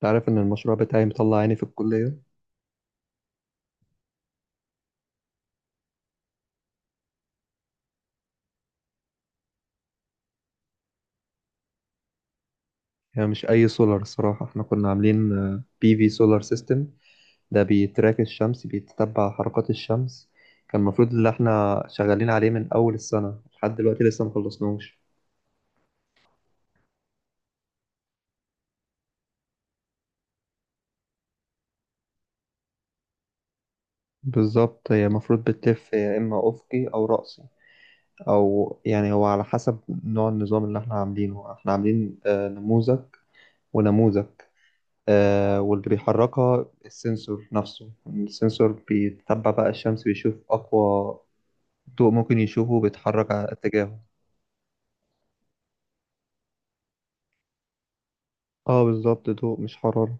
تعرف ان المشروع بتاعي مطلع عيني في الكلية. هي مش اي سولار، الصراحة احنا كنا عاملين بي في سولار سيستم. ده بيتراك الشمس، بيتتبع حركات الشمس. كان المفروض ان احنا شغالين عليه من اول السنة لحد دلوقتي لسه مخلصناش. بالظبط، هي المفروض بتلف يا اما افقي او رأسي، او يعني هو على حسب نوع النظام اللي احنا عاملينه. احنا عاملين نموذج ونموذج آه، واللي بيحركها السنسور نفسه. السنسور بيتبع بقى الشمس، بيشوف اقوى ضوء ممكن يشوفه بيتحرك على اتجاهه. اه بالظبط، ضوء مش حرارة.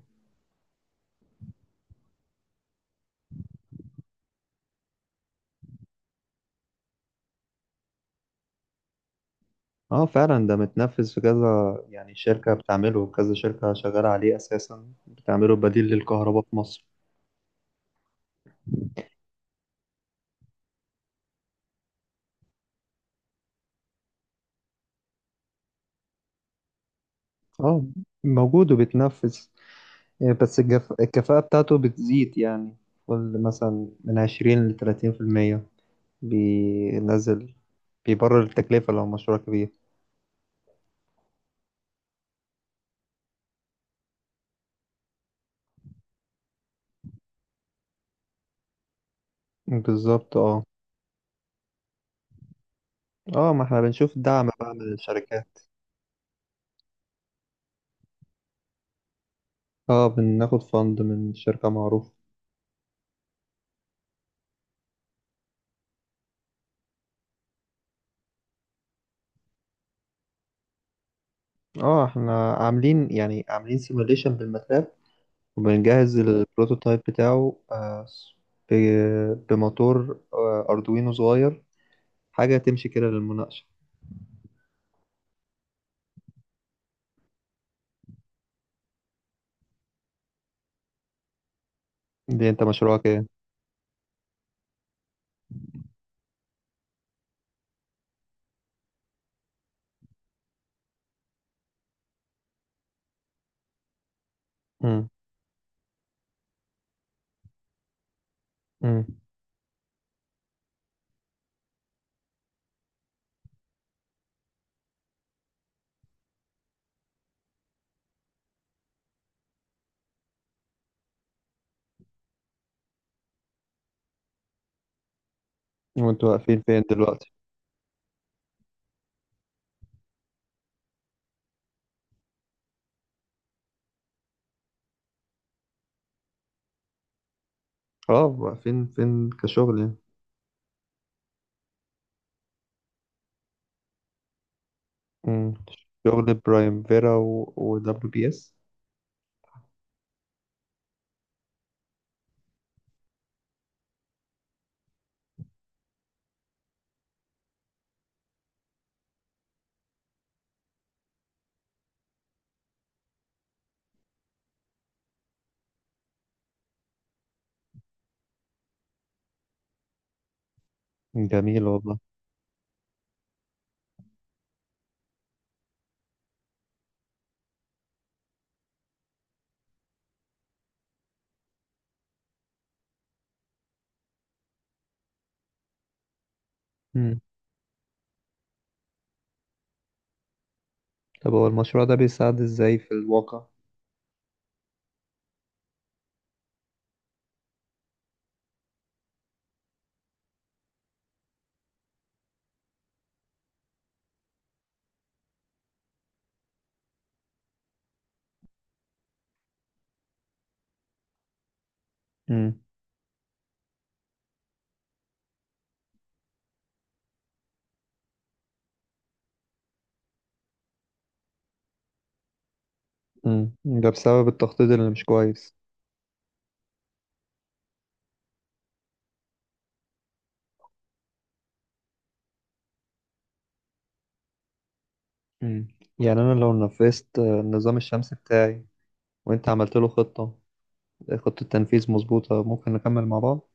اه فعلا ده متنفذ في كذا يعني شركة، بتعمله كذا شركة شغالة عليه أساسا، بتعمله بديل للكهرباء في مصر. اه موجود وبيتنفذ، بس الكفاءة بتاعته بتزيد يعني. قول مثلا من 20 لـ30% بينزل. بيبرر التكلفة لو مشروع كبير. بالظبط اه. اه ما احنا بنشوف دعم بقى من الشركات. اه بناخد فند من شركة معروفة. اه احنا عاملين عاملين سيموليشن بالماتلاب، وبنجهز البروتوتايب بتاعه، بموتور اردوينو صغير. حاجة تمشي كده للمناقشة. دي انت مشروعك ايه؟ مم. مم. وانتوا واقفين فين دلوقتي؟ اه واقفين فين كشغل يعني. مم. شغل برايم فيرا ودبليو بي اس. جميل والله. مم. طب هو المشروع ده بيساعد ازاي في الواقع؟ مم. مم. ده بسبب التخطيط اللي مش كويس. مم. يعني أنا لو نفذت النظام الشمسي بتاعي وأنت عملت له خطة، خطة تنفيذ مظبوطة ممكن نكمل مع بعض.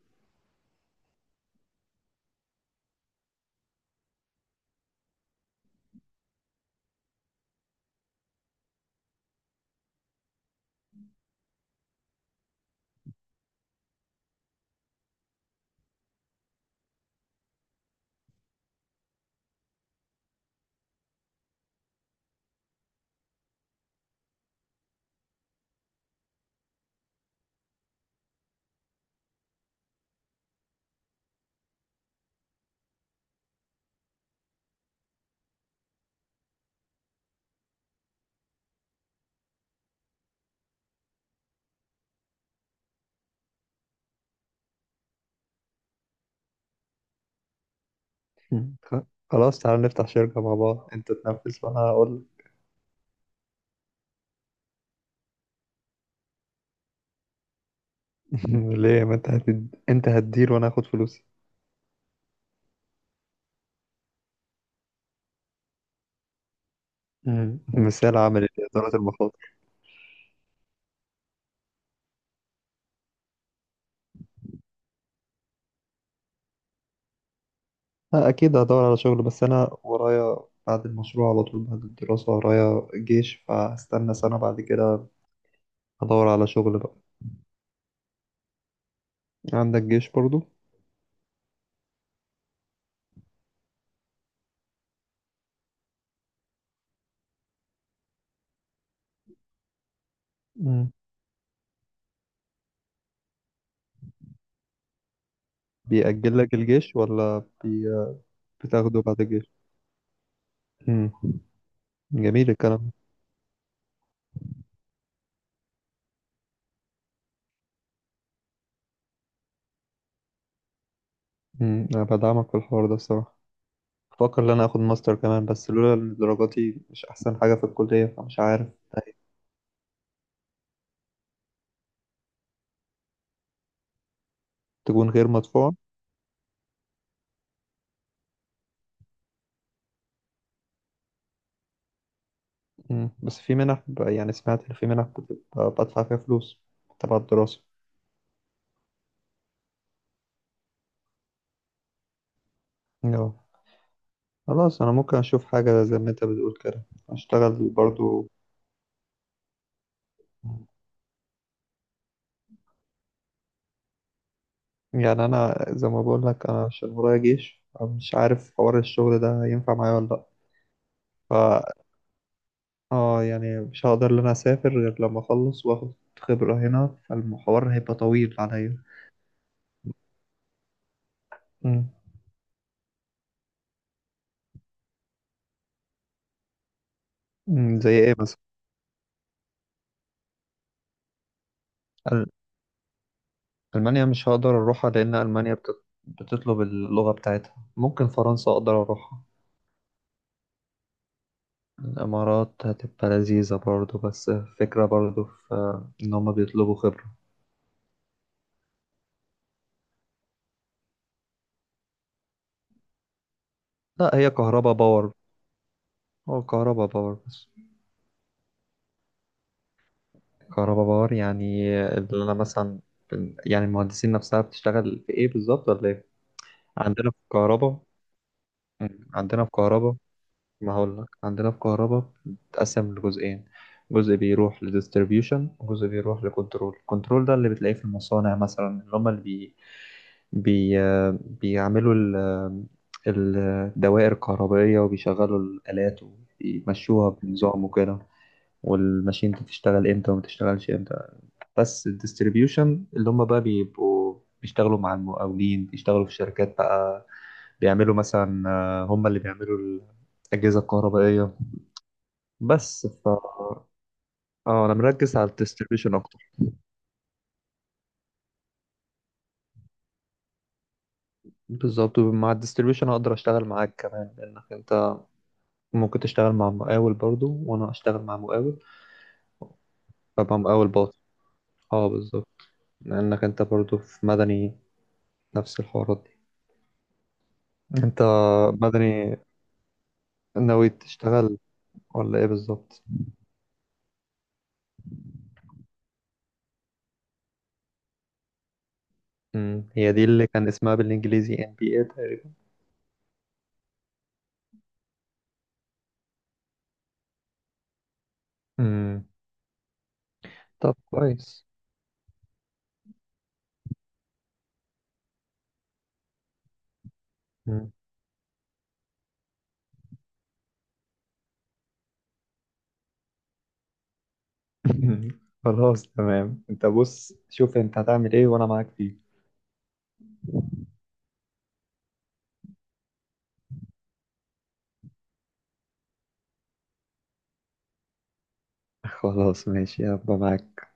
مم. خلاص تعالى نفتح شركة مع بعض، أنت تنفذ وأنا هقول. ليه، ما أنت أنت هتدير وأنا هاخد فلوسي. مم. مثال عملي لإدارة المخاطر. أكيد هدور على شغل، بس أنا ورايا بعد المشروع على طول، بعد الدراسة ورايا جيش، فهستنى 1 سنة بعد كده هدور على شغل بقى. عندك جيش برضو. مم. بيأجل لك الجيش ولا؟ بتاخده بعد الجيش. امم. جميل الكلام. امم، انا بدعمك في الحوار ده الصراحه. بفكر ان انا اخد ماستر كمان، بس لولا ان درجاتي مش احسن حاجه في الكليه فمش عارف طيب، تكون غير مدفوعه. امم، بس في منح يعني سمعت ان في منح بتبقى بدفع فيها فلوس تبع الدراسه. اه خلاص، انا ممكن اشوف حاجه زي ما انت بتقول كده، اشتغل برضو. يعني انا زي ما بقول لك، انا عشان ورايا جيش مش عارف حوار الشغل ده ينفع معايا ولا لا. اه يعني مش هقدر ان انا اسافر غير لما اخلص واخد خبرة هنا، فالمحور هيبقى طويل عليا. مم. مم، زي ايه مثلا؟ أل- المانيا مش هقدر اروحها لان المانيا بتطلب اللغة بتاعتها. ممكن فرنسا اقدر اروحها. الامارات هتبقى لذيذة برضو، بس فكرة برضو في ان هما بيطلبوا خبرة. لا هي كهربا باور، هو كهربا باور بس. كهربا باور يعني، اللي انا مثلا، يعني المهندسين نفسها بتشتغل في ايه بالظبط ولا ايه؟ عندنا في الكهرباء. مم. عندنا في كهرباء. ما هقول لك، عندنا في كهرباء بتتقسم لجزئين، جزء بيروح لديستريبيوشن وجزء بيروح لكنترول. الكنترول ده اللي بتلاقيه في المصانع مثلا، اللي هم اللي بي... بي... آه، بيعملوا ال... آه، الدوائر الكهربائية وبيشغلوا الآلات وبيمشوها بنظام وكده. والماشين دي بتشتغل امتى وما بتشتغلش امتى. بس الديستريبيوشن، اللي هم بقى بيبقوا بيشتغلوا مع المقاولين، بيشتغلوا في شركات بقى، بيعملوا مثلا، هم اللي بيعملوا الأجهزة الكهربائية بس. ف اه انا مركز على الديستريبيوشن اكتر. بالظبط، مع الديستريبيوشن هقدر اشتغل معاك كمان لانك انت ممكن تشتغل مع مقاول برضو وانا اشتغل مع مقاول، فبقى مقاول باطن. اه بالظبط، لانك انت برضو في مدني نفس الحوارات دي. انت مدني، ناوي تشتغل ولا ايه بالظبط؟ امم، هي دي اللي كان اسمها بالانجليزي NPI تقريبا. امم، طب كويس. مم. خلاص تمام، انت بص شوف انت هتعمل ايه وانا معاك فيه. خلاص ماشي، هبقى معاك.